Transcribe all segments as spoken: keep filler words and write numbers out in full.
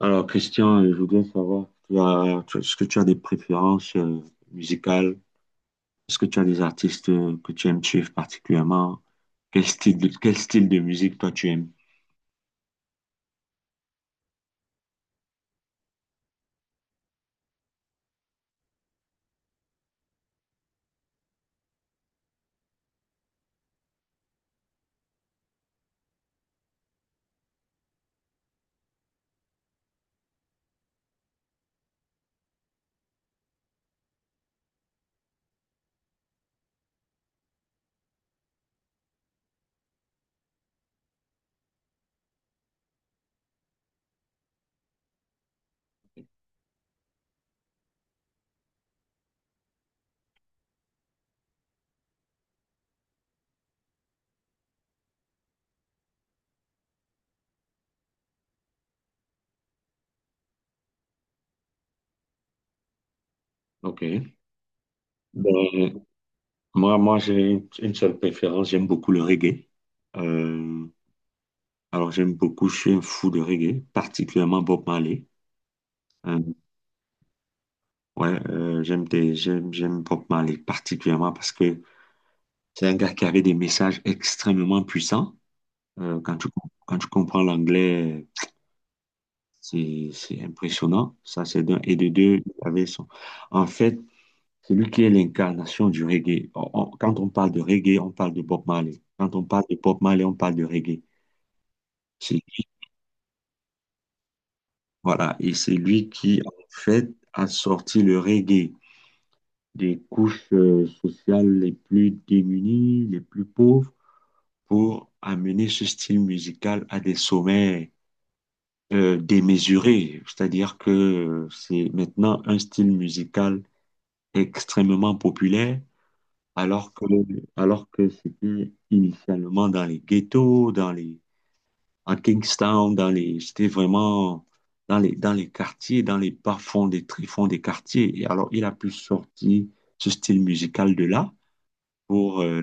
Alors, Christian, euh, je voudrais savoir, tu as- tu- est-ce que tu as des préférences euh, musicales? Est-ce que tu as des artistes euh, que tu aimes suivre particulièrement? Quel style de, quel style de musique toi tu aimes? Ok. Ben, moi, moi j'ai une seule préférence, j'aime beaucoup le reggae. Euh, alors, j'aime beaucoup, je suis un fou de reggae, particulièrement Bob Marley. Euh, ouais, euh, j'aime des, j'aime, j'aime Bob Marley particulièrement parce que c'est un gars qui avait des messages extrêmement puissants. Euh, quand tu, com- quand tu comprends l'anglais, c'est c'est impressionnant. Ça, c'est d'un. Et de deux, il avait son. En fait, c'est lui qui est l'incarnation du reggae. On- on- quand on parle de reggae, on parle de Bob Marley. Quand on parle de Bob Marley, on parle de reggae. C'est- Voilà. Et c'est lui qui, en fait, a sorti le reggae des couches euh, sociales les plus démunies, les plus pauvres, pour amener ce style musical à des sommets euh, démesuré, c'est-à-dire que euh, c'est maintenant un style musical extrêmement populaire, alors que, alors que c'était initialement dans les ghettos, dans les, à Kingstown, dans les, c'était vraiment dans les, dans les quartiers, dans les bas-fonds des tréfonds des quartiers. Et alors, il a pu sortir ce style musical de là pour, euh,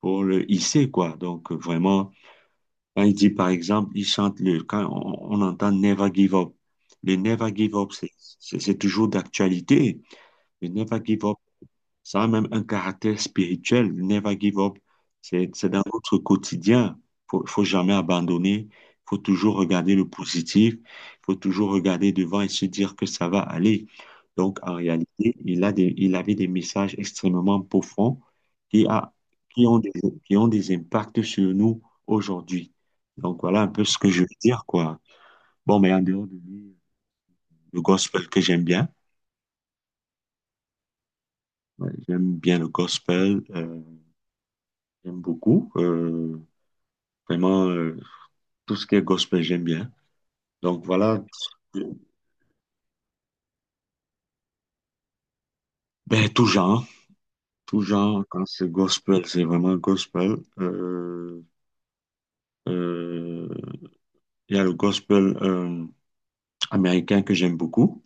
pour le hisser, quoi. Donc, euh, vraiment, quand il dit, par exemple, il chante le, quand on, on entend Never Give Up. Le Never Give Up, c'est c'est- c'est toujours d'actualité. Le Never Give Up, ça a même un caractère spirituel, never give up. C'est, c'est dans notre quotidien. Faut, faut jamais abandonner. Faut toujours regarder le positif. Faut toujours regarder devant et se dire que ça va aller. Donc, en réalité, il a des, il avait des messages extrêmement profonds qui a, qui ont des, qui ont des impacts sur nous aujourd'hui. Donc, voilà un peu ce que je veux dire, quoi. Bon, mais en dehors de lui, le gospel que j'aime bien. Ouais, j'aime bien le gospel, euh, j'aime beaucoup. Euh, Vraiment, euh, tout ce qui est gospel, j'aime bien. Donc voilà, ben, tout genre, tout genre, quand c'est gospel, c'est vraiment gospel. Euh, euh, il y a le gospel euh, américain que j'aime beaucoup.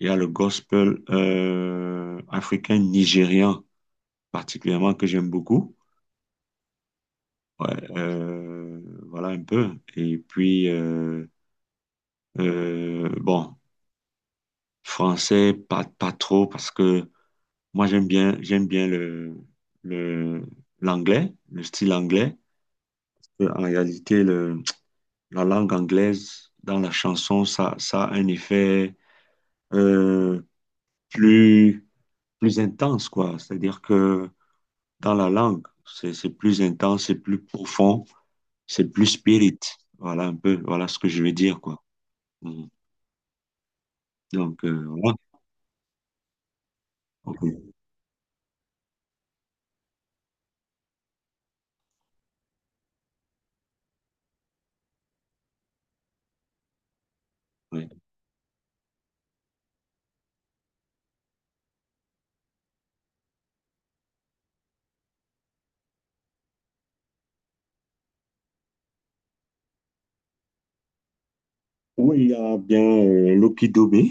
Il y a le gospel euh, africain nigérian particulièrement que j'aime beaucoup. Ouais, euh, voilà un peu. Et puis, euh, euh, bon, français, pas, pas trop parce que moi, j'aime bien, j'aime bien le, le, l'anglais, le style anglais. Euh, En réalité, le, la langue anglaise dans la chanson, ça, ça a un effet euh, plus, plus intense, quoi. C'est-à-dire que dans la langue, c'est, c'est plus intense, c'est plus profond, c'est plus spirit. Voilà un peu, voilà ce que je veux dire, quoi. Mhm. Donc, euh, voilà. Ok. Ouais. Oui, il y a bien euh, Lucky Dubé.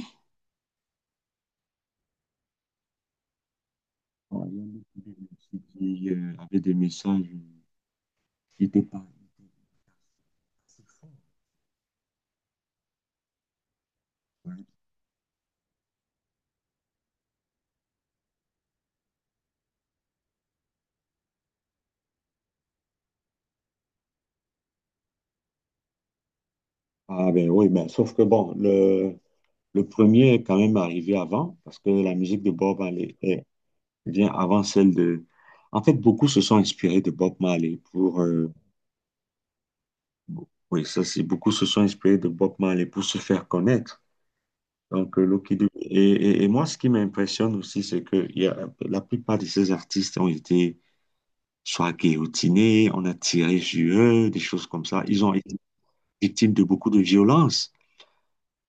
Voilà, il y a Lucky Dubé aussi qui euh, avait des messages. Il était pas. Il était assez fort, ouais. Ah ben oui, ben, sauf que bon, le, le premier est quand même arrivé avant, parce que la musique de Bob Marley est- vient avant celle de… En fait, beaucoup se sont inspirés de Bob Marley pour… euh, bo- oui, ça c'est, beaucoup se sont inspirés de Bob Marley pour se faire connaître. Donc, euh, Lucky Dube- Et, et, et Moi, ce qui m'impressionne aussi, c'est que il y a, la plupart de ces artistes ont été soit guillotinés, on a tiré sur eux, des choses comme ça. Ils ont été victimes de beaucoup de violences.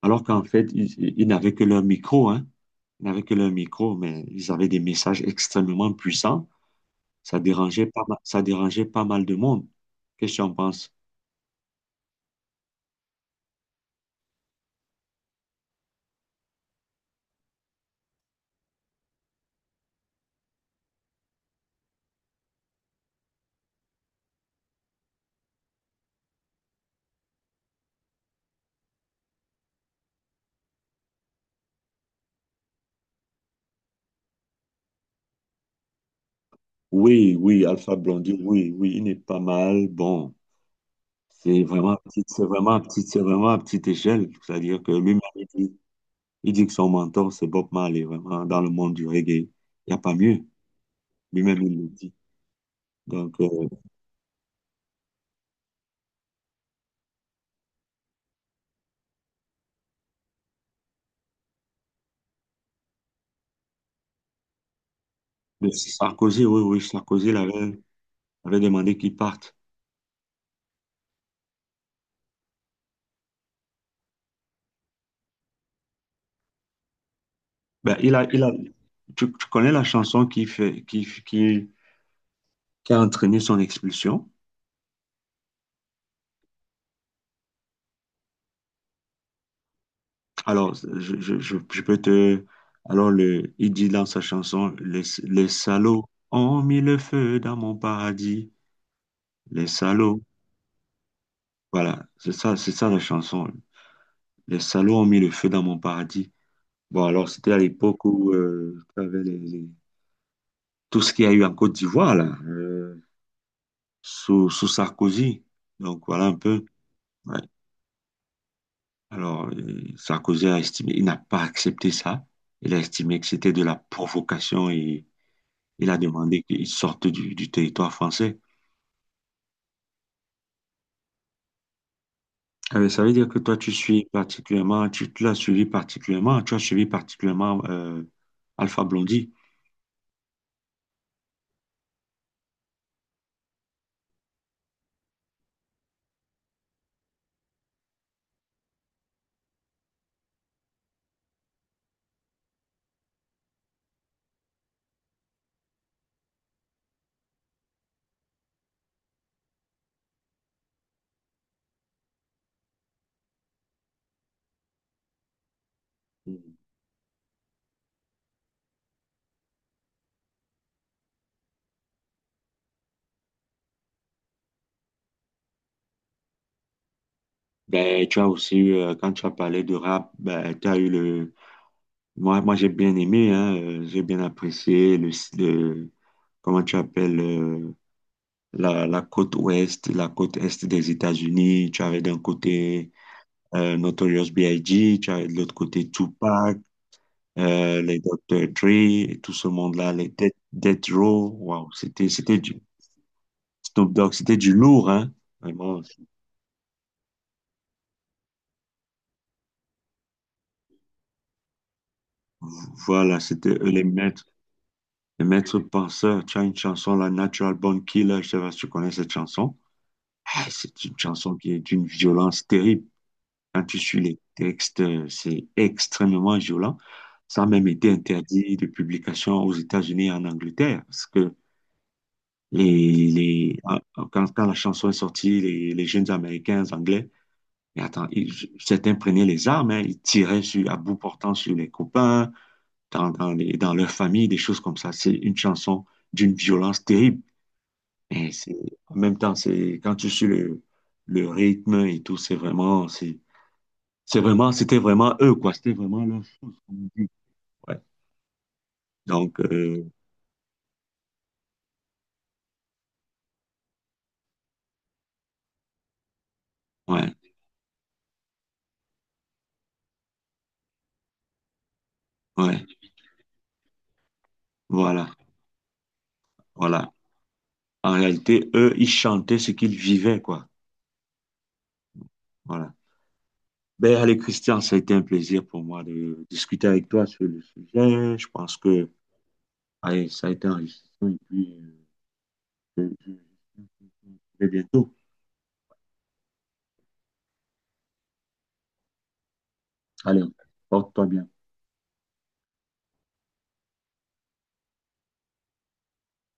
Alors qu'en fait, ils, ils n'avaient que leur micro, hein. Ils n'avaient que leur micro, mais ils avaient des messages extrêmement puissants. Ça dérangeait pas mal, ça dérangeait pas mal de monde. Qu'est-ce que tu en penses? Oui, oui, Alpha Blondy, oui, oui, il n'est pas mal. Bon, c'est vraiment à petite, c'est vraiment à petite, c'est vraiment à petite échelle. C'est-à-dire que lui-même, il dit, il dit que son mentor, c'est Bob Marley, vraiment, dans le monde du reggae. Il n'y a pas mieux. Lui-même, il le dit. Donc, euh, mais Sarkozy, oui, oui, Sarkozy il avait, avait demandé qu'il parte. Ben, il a, il a, tu, tu connais la chanson qui fait, qui, qui, qui a entraîné son expulsion? Alors, je, je, je, je peux te… Alors, le, il dit dans sa chanson, les, les salauds ont mis le feu dans mon paradis. Les salauds. Voilà, c'est ça, c'est ça la chanson. Les salauds ont mis le feu dans mon paradis. Bon, alors, c'était à l'époque où euh, tu avais les- les- tout ce qu'il y a eu en Côte d'Ivoire, là, euh, sous, sous Sarkozy. Donc, voilà un peu. Ouais. Alors, euh, Sarkozy a estimé, il n'a pas accepté ça. Il a estimé que c'était de la provocation et il a demandé qu'il sorte du, du territoire français. Ah ben, ça veut dire que toi, tu suis particulièrement, tu tu l'as suivi particulièrement, tu as suivi particulièrement euh, Alpha Blondy. Ben, tu as aussi eu, euh, quand tu as parlé de rap, ben, tu as eu le. Moi, moi j'ai bien aimé, hein, euh, j'ai bien apprécié le, le- Comment tu appelles euh, la, la côte ouest, la côte est des États-Unis. Tu avais d'un côté euh, Notorious B I G, tu avais de l'autre côté Tupac, euh, les docteur Dre, et tout ce monde-là, les Death, Death Row. Waouh, c'était, c'était du Snoop Dogg, c'était du lourd, hein? Vraiment. Voilà, c'était eux les maîtres, les maîtres penseurs. Tu as une chanson, la Natural Born Killer, je sais pas si tu connais cette chanson. Ah, c'est une chanson qui est d'une violence terrible. Quand tu suis les textes, euh, c'est extrêmement violent. Ça a même été interdit de publication aux États-Unis et en Angleterre, parce que les, les, en- en- quand, quand la chanson est sortie, les, les jeunes Américains, les Anglais, mais attends, ils- certains prenaient les armes, hein, ils tiraient sur, à bout portant sur les copains, dans, dans, les, dans leur famille, des choses comme ça. C'est une chanson d'une violence terrible. Et c'est, en même temps, c'est, quand tu suis le, le rythme et tout, c'est vraiment, c'est c'est vraiment, c'était vraiment eux, quoi. C'était vraiment leur chose, comme on dit. Ouais. Donc, euh, ouais, ouais, voilà, voilà. En réalité, eux, ils chantaient ce qu'ils vivaient, quoi. Voilà. Ben, allez, Christian, ça a été un plaisir pour moi de discuter avec toi sur le sujet. Je pense que, allez, ça a été enrichissant et puis, euh, je- je- je- je- je- je- je- bientôt. Allez, porte-toi bien.